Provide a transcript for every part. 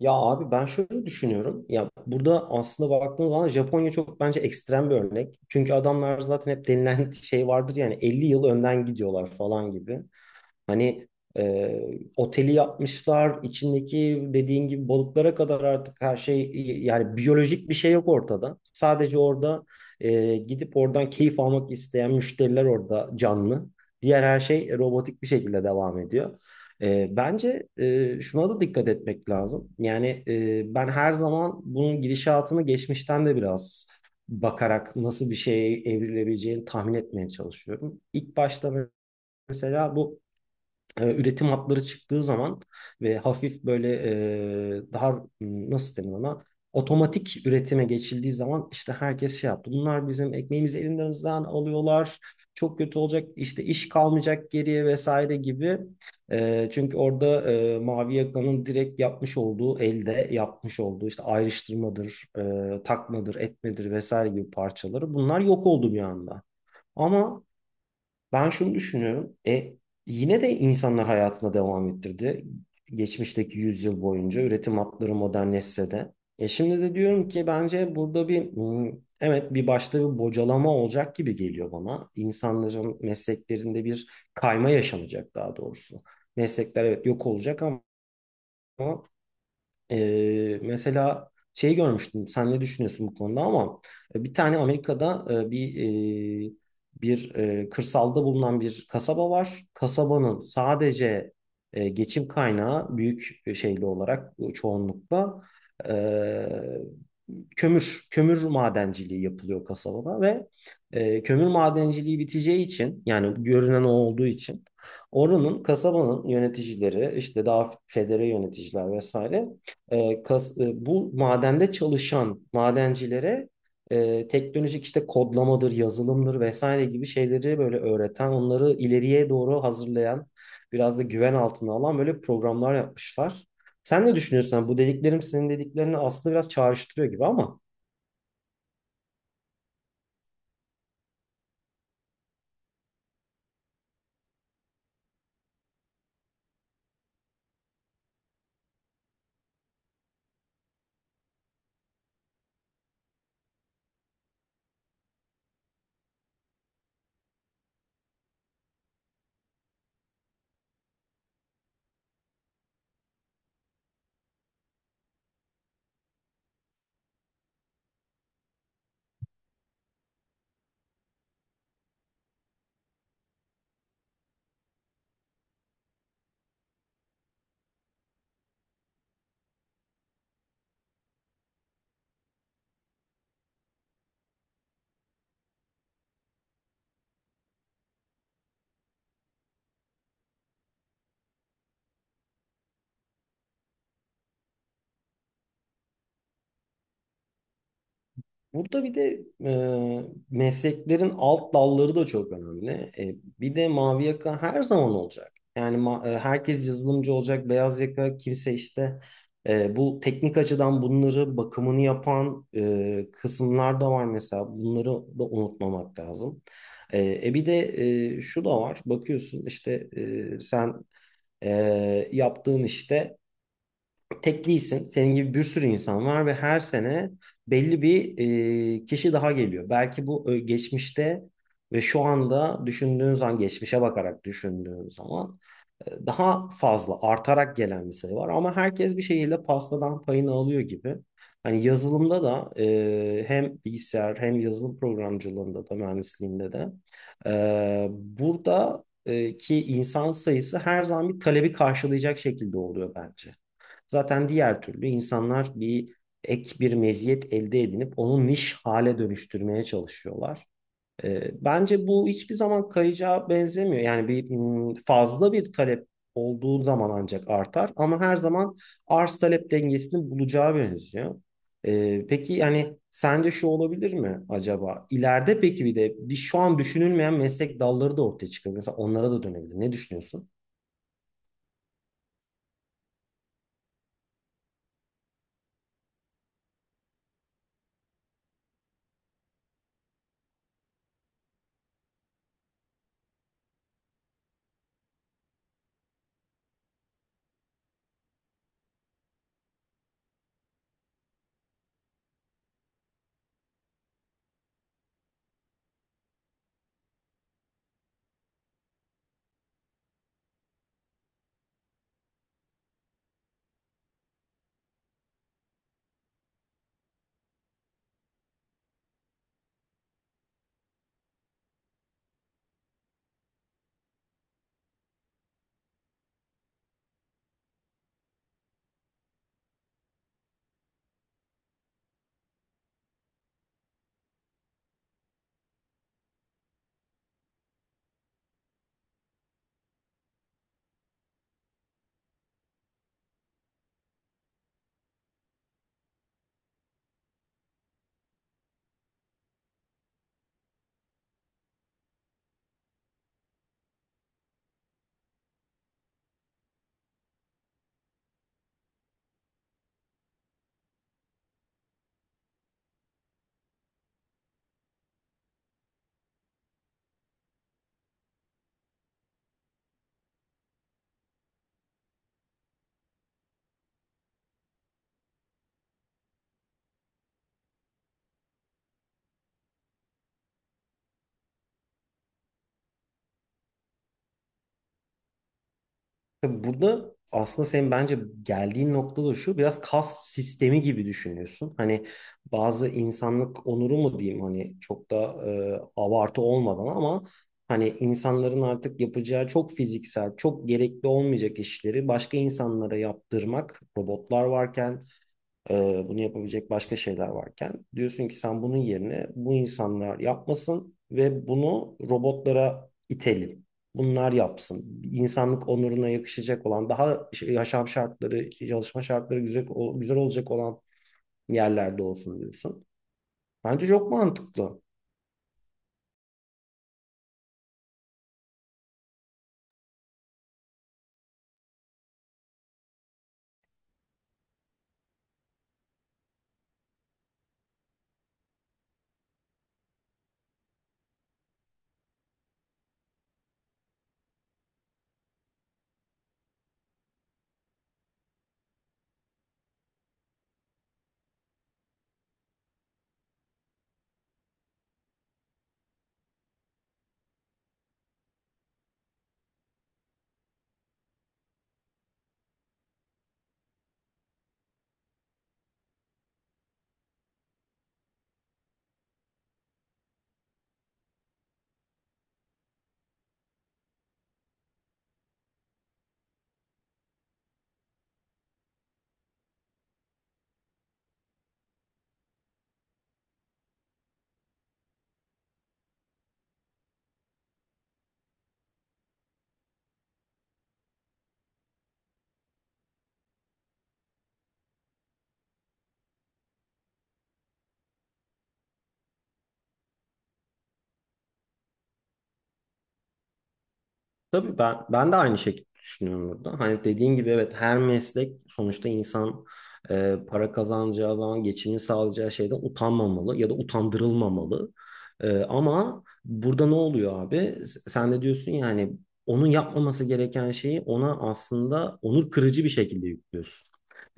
Ya abi ben şöyle düşünüyorum. Ya burada aslında baktığınız zaman Japonya çok bence ekstrem bir örnek. Çünkü adamlar zaten hep denilen şey vardır yani 50 yıl önden gidiyorlar falan gibi. Hani e, oteli yapmışlar, içindeki dediğin gibi balıklara kadar artık her şey yani biyolojik bir şey yok ortada. Sadece orada gidip oradan keyif almak isteyen müşteriler orada canlı. Diğer her şey robotik bir şekilde devam ediyor. Bence şuna da dikkat etmek lazım. Yani ben her zaman bunun gidişatını geçmişten de biraz bakarak nasıl bir şeye evrilebileceğini tahmin etmeye çalışıyorum. İlk başta mesela bu üretim hatları çıktığı zaman ve hafif böyle daha nasıl denir ona otomatik üretime geçildiği zaman işte herkes şey yaptı. Bunlar bizim ekmeğimizi elimizden alıyorlar. Çok kötü olacak işte iş kalmayacak geriye vesaire gibi. Çünkü orada Mavi Yaka'nın direkt yapmış olduğu elde yapmış olduğu işte ayrıştırmadır, takmadır, etmedir vesaire gibi parçaları bunlar yok oldu bir anda. Ama ben şunu düşünüyorum. Yine de insanlar hayatına devam ettirdi. Geçmişteki yüzyıl boyunca üretim hatları modernleşse de. Şimdi de diyorum ki bence burada bir evet bir başta bir bocalama olacak gibi geliyor bana. İnsanların mesleklerinde bir kayma yaşanacak daha doğrusu. Meslekler evet yok olacak ama mesela şey görmüştüm. Sen ne düşünüyorsun bu konuda ama bir tane Amerika'da e, kırsalda bulunan bir kasaba var. Kasabanın sadece geçim kaynağı büyük şeyli olarak çoğunlukla e, kömür madenciliği yapılıyor kasabada ve kömür madenciliği biteceği için yani görünen o olduğu için oranın kasabanın yöneticileri işte daha federe yöneticiler vesaire bu madende çalışan madencilere teknolojik işte kodlamadır, yazılımdır vesaire gibi şeyleri böyle öğreten, onları ileriye doğru hazırlayan, biraz da güven altına alan böyle programlar yapmışlar. Sen ne düşünüyorsun? Yani bu dediklerim senin dediklerini aslında biraz çağrıştırıyor gibi ama. Burada bir de mesleklerin alt dalları da çok önemli. Bir de mavi yaka her zaman olacak. Yani herkes yazılımcı olacak, beyaz yaka kimse işte bu teknik açıdan bunları bakımını yapan kısımlar da var mesela. Bunları da unutmamak lazım. Bir de şu da var. Bakıyorsun işte sen yaptığın işte. Tek değilsin. Senin gibi bir sürü insan var ve her sene belli bir kişi daha geliyor. Belki bu geçmişte ve şu anda düşündüğün zaman, geçmişe bakarak düşündüğün zaman daha fazla artarak gelen bir sayı var. Ama herkes bir şekilde pastadan payını alıyor gibi. Hani yazılımda da hem bilgisayar hem yazılım programcılığında da mühendisliğinde de burada ki insan sayısı her zaman bir talebi karşılayacak şekilde oluyor bence. Zaten diğer türlü insanlar bir ek bir meziyet elde edinip onu niş hale dönüştürmeye çalışıyorlar. Bence bu hiçbir zaman kayacağa benzemiyor. Yani bir fazla bir talep olduğu zaman ancak artar ama her zaman arz talep dengesini bulacağı benziyor. Peki yani sence şu olabilir mi acaba? İleride peki bir de bir şu an düşünülmeyen meslek dalları da ortaya çıkabilir. Mesela onlara da dönebilir. Ne düşünüyorsun? Tabii, burada aslında senin bence geldiğin nokta da şu, biraz kas sistemi gibi düşünüyorsun. Hani bazı insanlık onuru mu diyeyim hani çok da abartı olmadan ama hani insanların artık yapacağı çok fiziksel, çok gerekli olmayacak işleri başka insanlara yaptırmak robotlar varken bunu yapabilecek başka şeyler varken diyorsun ki sen bunun yerine bu insanlar yapmasın ve bunu robotlara itelim. Bunlar yapsın. İnsanlık onuruna yakışacak olan, daha yaşam şartları, çalışma şartları güzel, güzel olacak olan yerlerde olsun diyorsun. Bence çok mantıklı. Tabii ben de aynı şekilde düşünüyorum burada. Hani dediğin gibi evet her meslek sonuçta insan para kazanacağı zaman geçimini sağlayacağı şeyden utanmamalı ya da utandırılmamalı. Ama burada ne oluyor abi? Sen de diyorsun ya hani onun yapmaması gereken şeyi ona aslında onur kırıcı bir şekilde yüklüyorsun.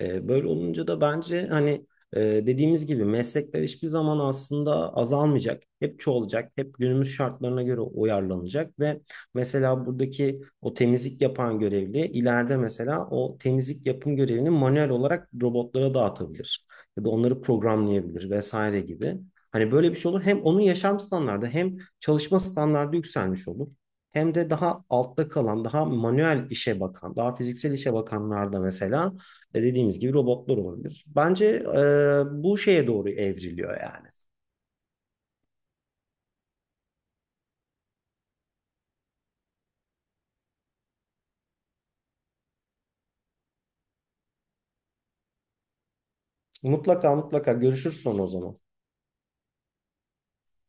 Böyle olunca da bence hani dediğimiz gibi meslekler hiçbir zaman aslında azalmayacak. Hep çoğalacak. Hep günümüz şartlarına göre uyarlanacak. Ve mesela buradaki o temizlik yapan görevli ileride mesela o temizlik yapım görevini manuel olarak robotlara dağıtabilir. Ya da onları programlayabilir vesaire gibi. Hani böyle bir şey olur. Hem onun yaşam standardı hem çalışma standardı yükselmiş olur. Hem de daha altta kalan, daha manuel işe bakan, daha fiziksel işe bakanlarda mesela dediğimiz gibi robotlar olabilir. Bence bu şeye doğru evriliyor yani. Mutlaka mutlaka görüşürüz sonra o zaman.